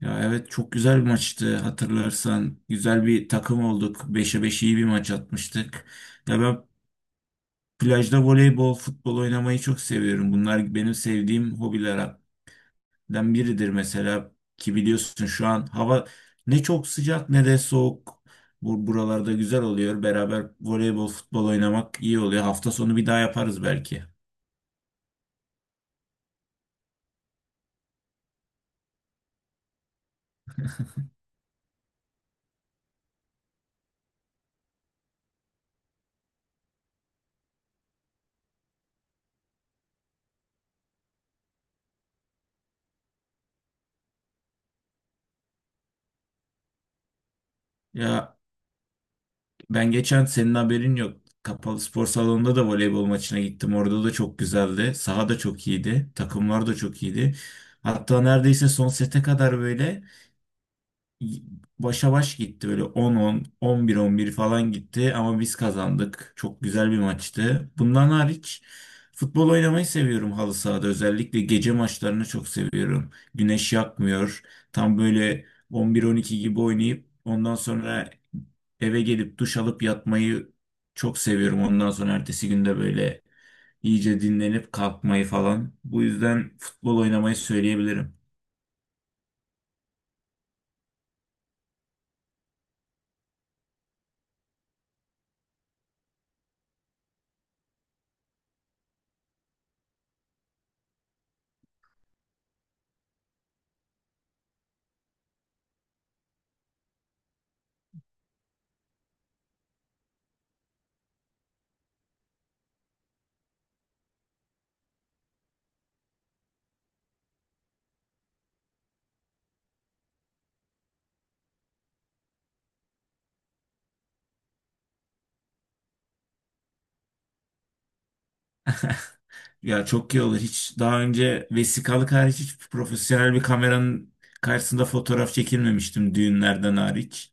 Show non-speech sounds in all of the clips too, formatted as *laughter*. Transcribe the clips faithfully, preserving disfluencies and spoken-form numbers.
Ya evet çok güzel bir maçtı hatırlarsan. Güzel bir takım olduk. Beşe beş iyi bir maç atmıştık. Ya ben plajda voleybol, futbol oynamayı çok seviyorum. Bunlar benim sevdiğim hobilerden biridir mesela. Ki biliyorsun şu an hava ne çok sıcak ne de soğuk. Bu buralarda güzel oluyor. Beraber voleybol, futbol oynamak iyi oluyor. Hafta sonu bir daha yaparız belki. Ya ben geçen senin haberin yok. Kapalı spor salonunda da voleybol maçına gittim. Orada da çok güzeldi. Saha da çok iyiydi. Takımlar da çok iyiydi. Hatta neredeyse son sete kadar böyle y- başa baş gitti. Böyle on on, on bir on bir falan gitti. Ama biz kazandık. Çok güzel bir maçtı. Bundan hariç futbol oynamayı seviyorum halı sahada. Özellikle gece maçlarını çok seviyorum. Güneş yakmıyor. Tam böyle on bir on iki gibi oynayıp ondan sonra eve gelip duş alıp yatmayı çok seviyorum. Ondan sonra ertesi günde böyle iyice dinlenip kalkmayı falan. Bu yüzden futbol oynamayı söyleyebilirim. Ya çok iyi olur. Hiç daha önce vesikalık hariç hiç profesyonel bir kameranın karşısında fotoğraf çekilmemiştim düğünlerden hariç.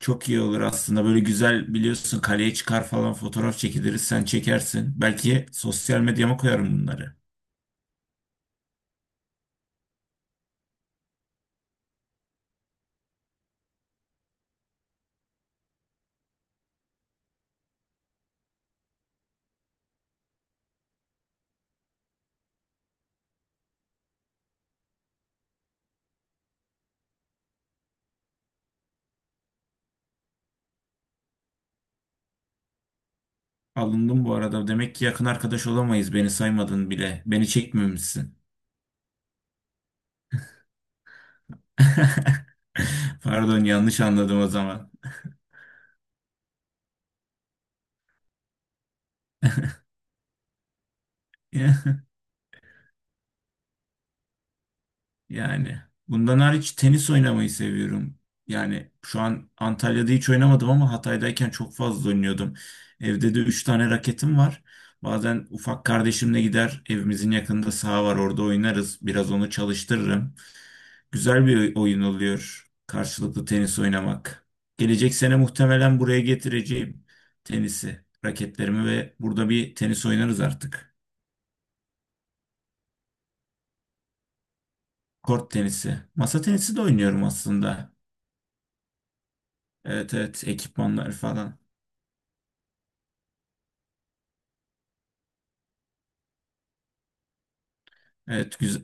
Çok iyi olur aslında. Böyle güzel biliyorsun kaleye çıkar falan fotoğraf çekiliriz. Sen çekersin. Belki sosyal medyama koyarım bunları. Alındım bu arada. Demek ki yakın arkadaş olamayız. Beni saymadın bile. Beni çekmemişsin. *laughs* Pardon yanlış anladım o zaman. *laughs* Yani bundan hariç tenis oynamayı seviyorum. Yani şu an Antalya'da hiç oynamadım ama Hatay'dayken çok fazla oynuyordum. Evde de üç tane raketim var. Bazen ufak kardeşimle gider evimizin yakınında saha var orada oynarız. Biraz onu çalıştırırım. Güzel bir oyun oluyor karşılıklı tenis oynamak. Gelecek sene muhtemelen buraya getireceğim tenisi, raketlerimi ve burada bir tenis oynarız artık. Kort tenisi. Masa tenisi de oynuyorum aslında. Evet evet ekipmanlar falan. Evet güzel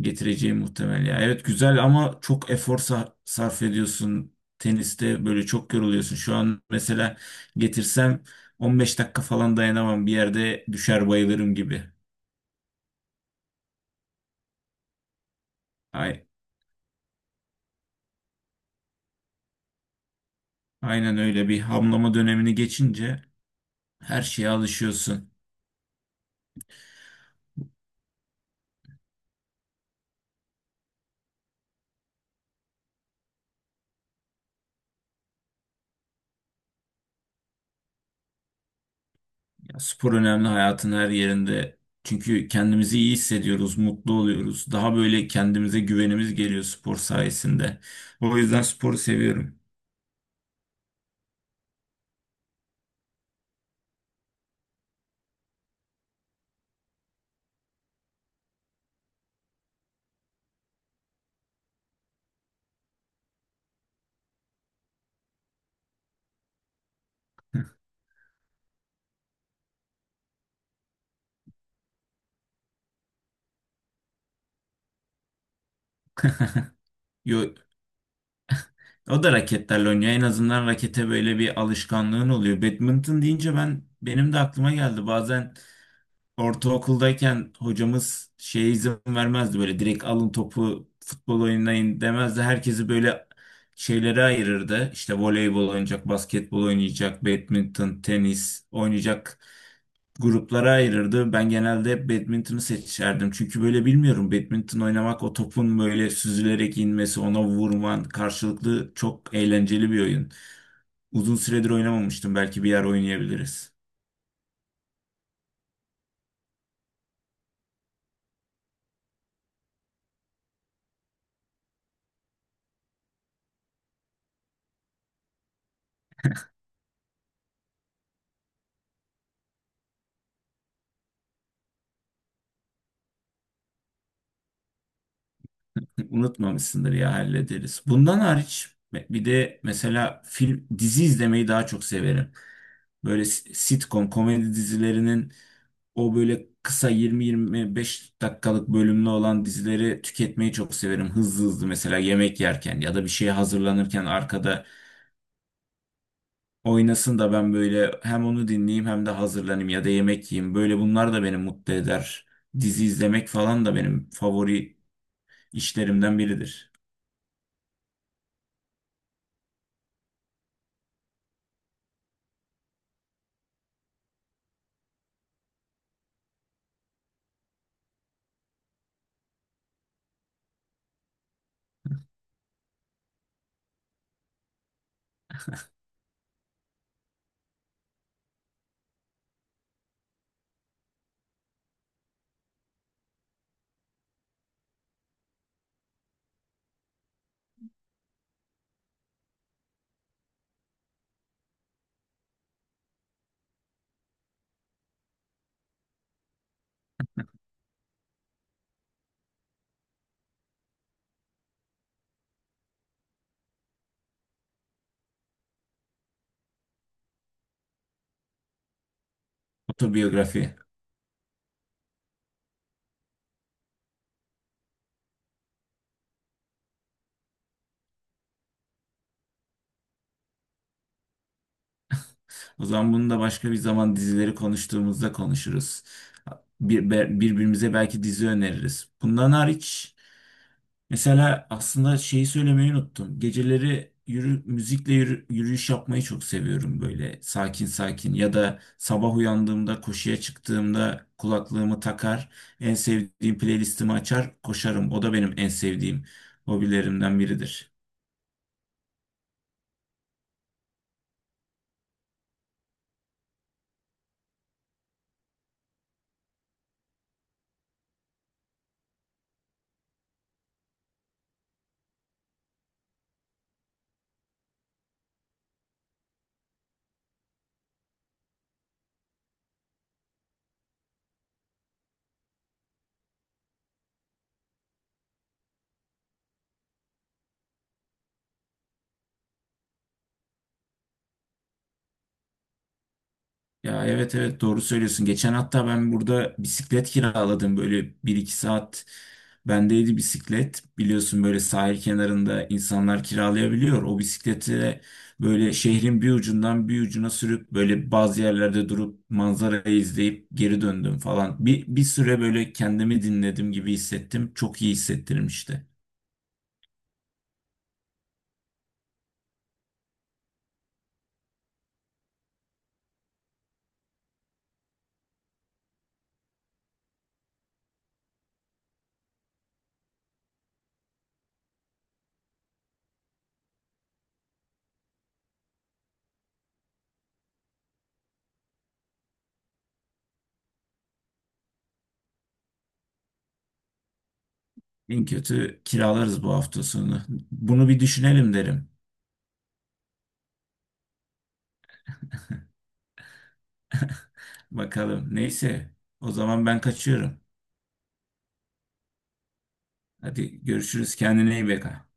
getireceğim muhtemel ya. Evet güzel ama çok efor sa- sarf ediyorsun. Teniste böyle çok yoruluyorsun. Şu an mesela getirsem on beş dakika falan dayanamam. Bir yerde düşer bayılırım gibi. Ay, aynen öyle bir hamlama dönemini geçince her şeye alışıyorsun. Spor önemli hayatın her yerinde. Çünkü kendimizi iyi hissediyoruz, mutlu oluyoruz. Daha böyle kendimize güvenimiz geliyor spor sayesinde. O yüzden sporu seviyorum. *laughs* Yo, o da raketlerle oynuyor. En azından rakete böyle bir alışkanlığın oluyor. Badminton deyince ben benim de aklıma geldi. Bazen ortaokuldayken hocamız şeye izin vermezdi böyle direkt alın topu futbol oynayın demezdi. Herkesi böyle şeylere ayırırdı. İşte voleybol oynayacak, basketbol oynayacak, badminton, tenis oynayacak gruplara ayırırdı. Ben genelde hep badminton'u seçerdim. Çünkü böyle bilmiyorum badminton oynamak o topun böyle süzülerek inmesi, ona vurman karşılıklı çok eğlenceli bir oyun. Uzun süredir oynamamıştım. Belki bir yer oynayabiliriz. Unutmamışsındır ya hallederiz. Bundan hariç bir de mesela film dizi izlemeyi daha çok severim. Böyle s- sitcom komedi dizilerinin o böyle kısa yirmi yirmi beş dakikalık bölümlü olan dizileri tüketmeyi çok severim. Hızlı hızlı mesela yemek yerken ya da bir şeye hazırlanırken arkada oynasın da ben böyle hem onu dinleyeyim hem de hazırlanayım ya da yemek yiyeyim. Böyle bunlar da beni mutlu eder. Dizi izlemek falan da benim favori işlerimden biridir. Otobiyografi. O zaman bunu da başka bir zaman dizileri konuştuğumuzda konuşuruz. Bir, be- birbirimize belki dizi öneririz. Bundan hariç mesela aslında şeyi söylemeyi unuttum. Geceleri yürü, müzikle yürü- yürüyüş yapmayı çok seviyorum böyle sakin sakin ya da sabah uyandığımda koşuya çıktığımda kulaklığımı takar, en sevdiğim playlistimi açar, koşarım. O da benim en sevdiğim hobilerimden biridir. Ya evet evet doğru söylüyorsun. Geçen hatta ben burada bisiklet kiraladım. Böyle bir iki saat bendeydi bisiklet. Biliyorsun böyle sahil kenarında insanlar kiralayabiliyor. O bisikleti böyle şehrin bir ucundan bir ucuna sürüp böyle bazı yerlerde durup manzarayı izleyip geri döndüm falan. Bir, bir süre böyle kendimi dinledim gibi hissettim. Çok iyi hissettirmişti. En kötü kiralarız bu hafta sonu. Bunu bir düşünelim derim. Bakalım. Neyse. O zaman ben kaçıyorum. Hadi görüşürüz. Kendine iyi bak.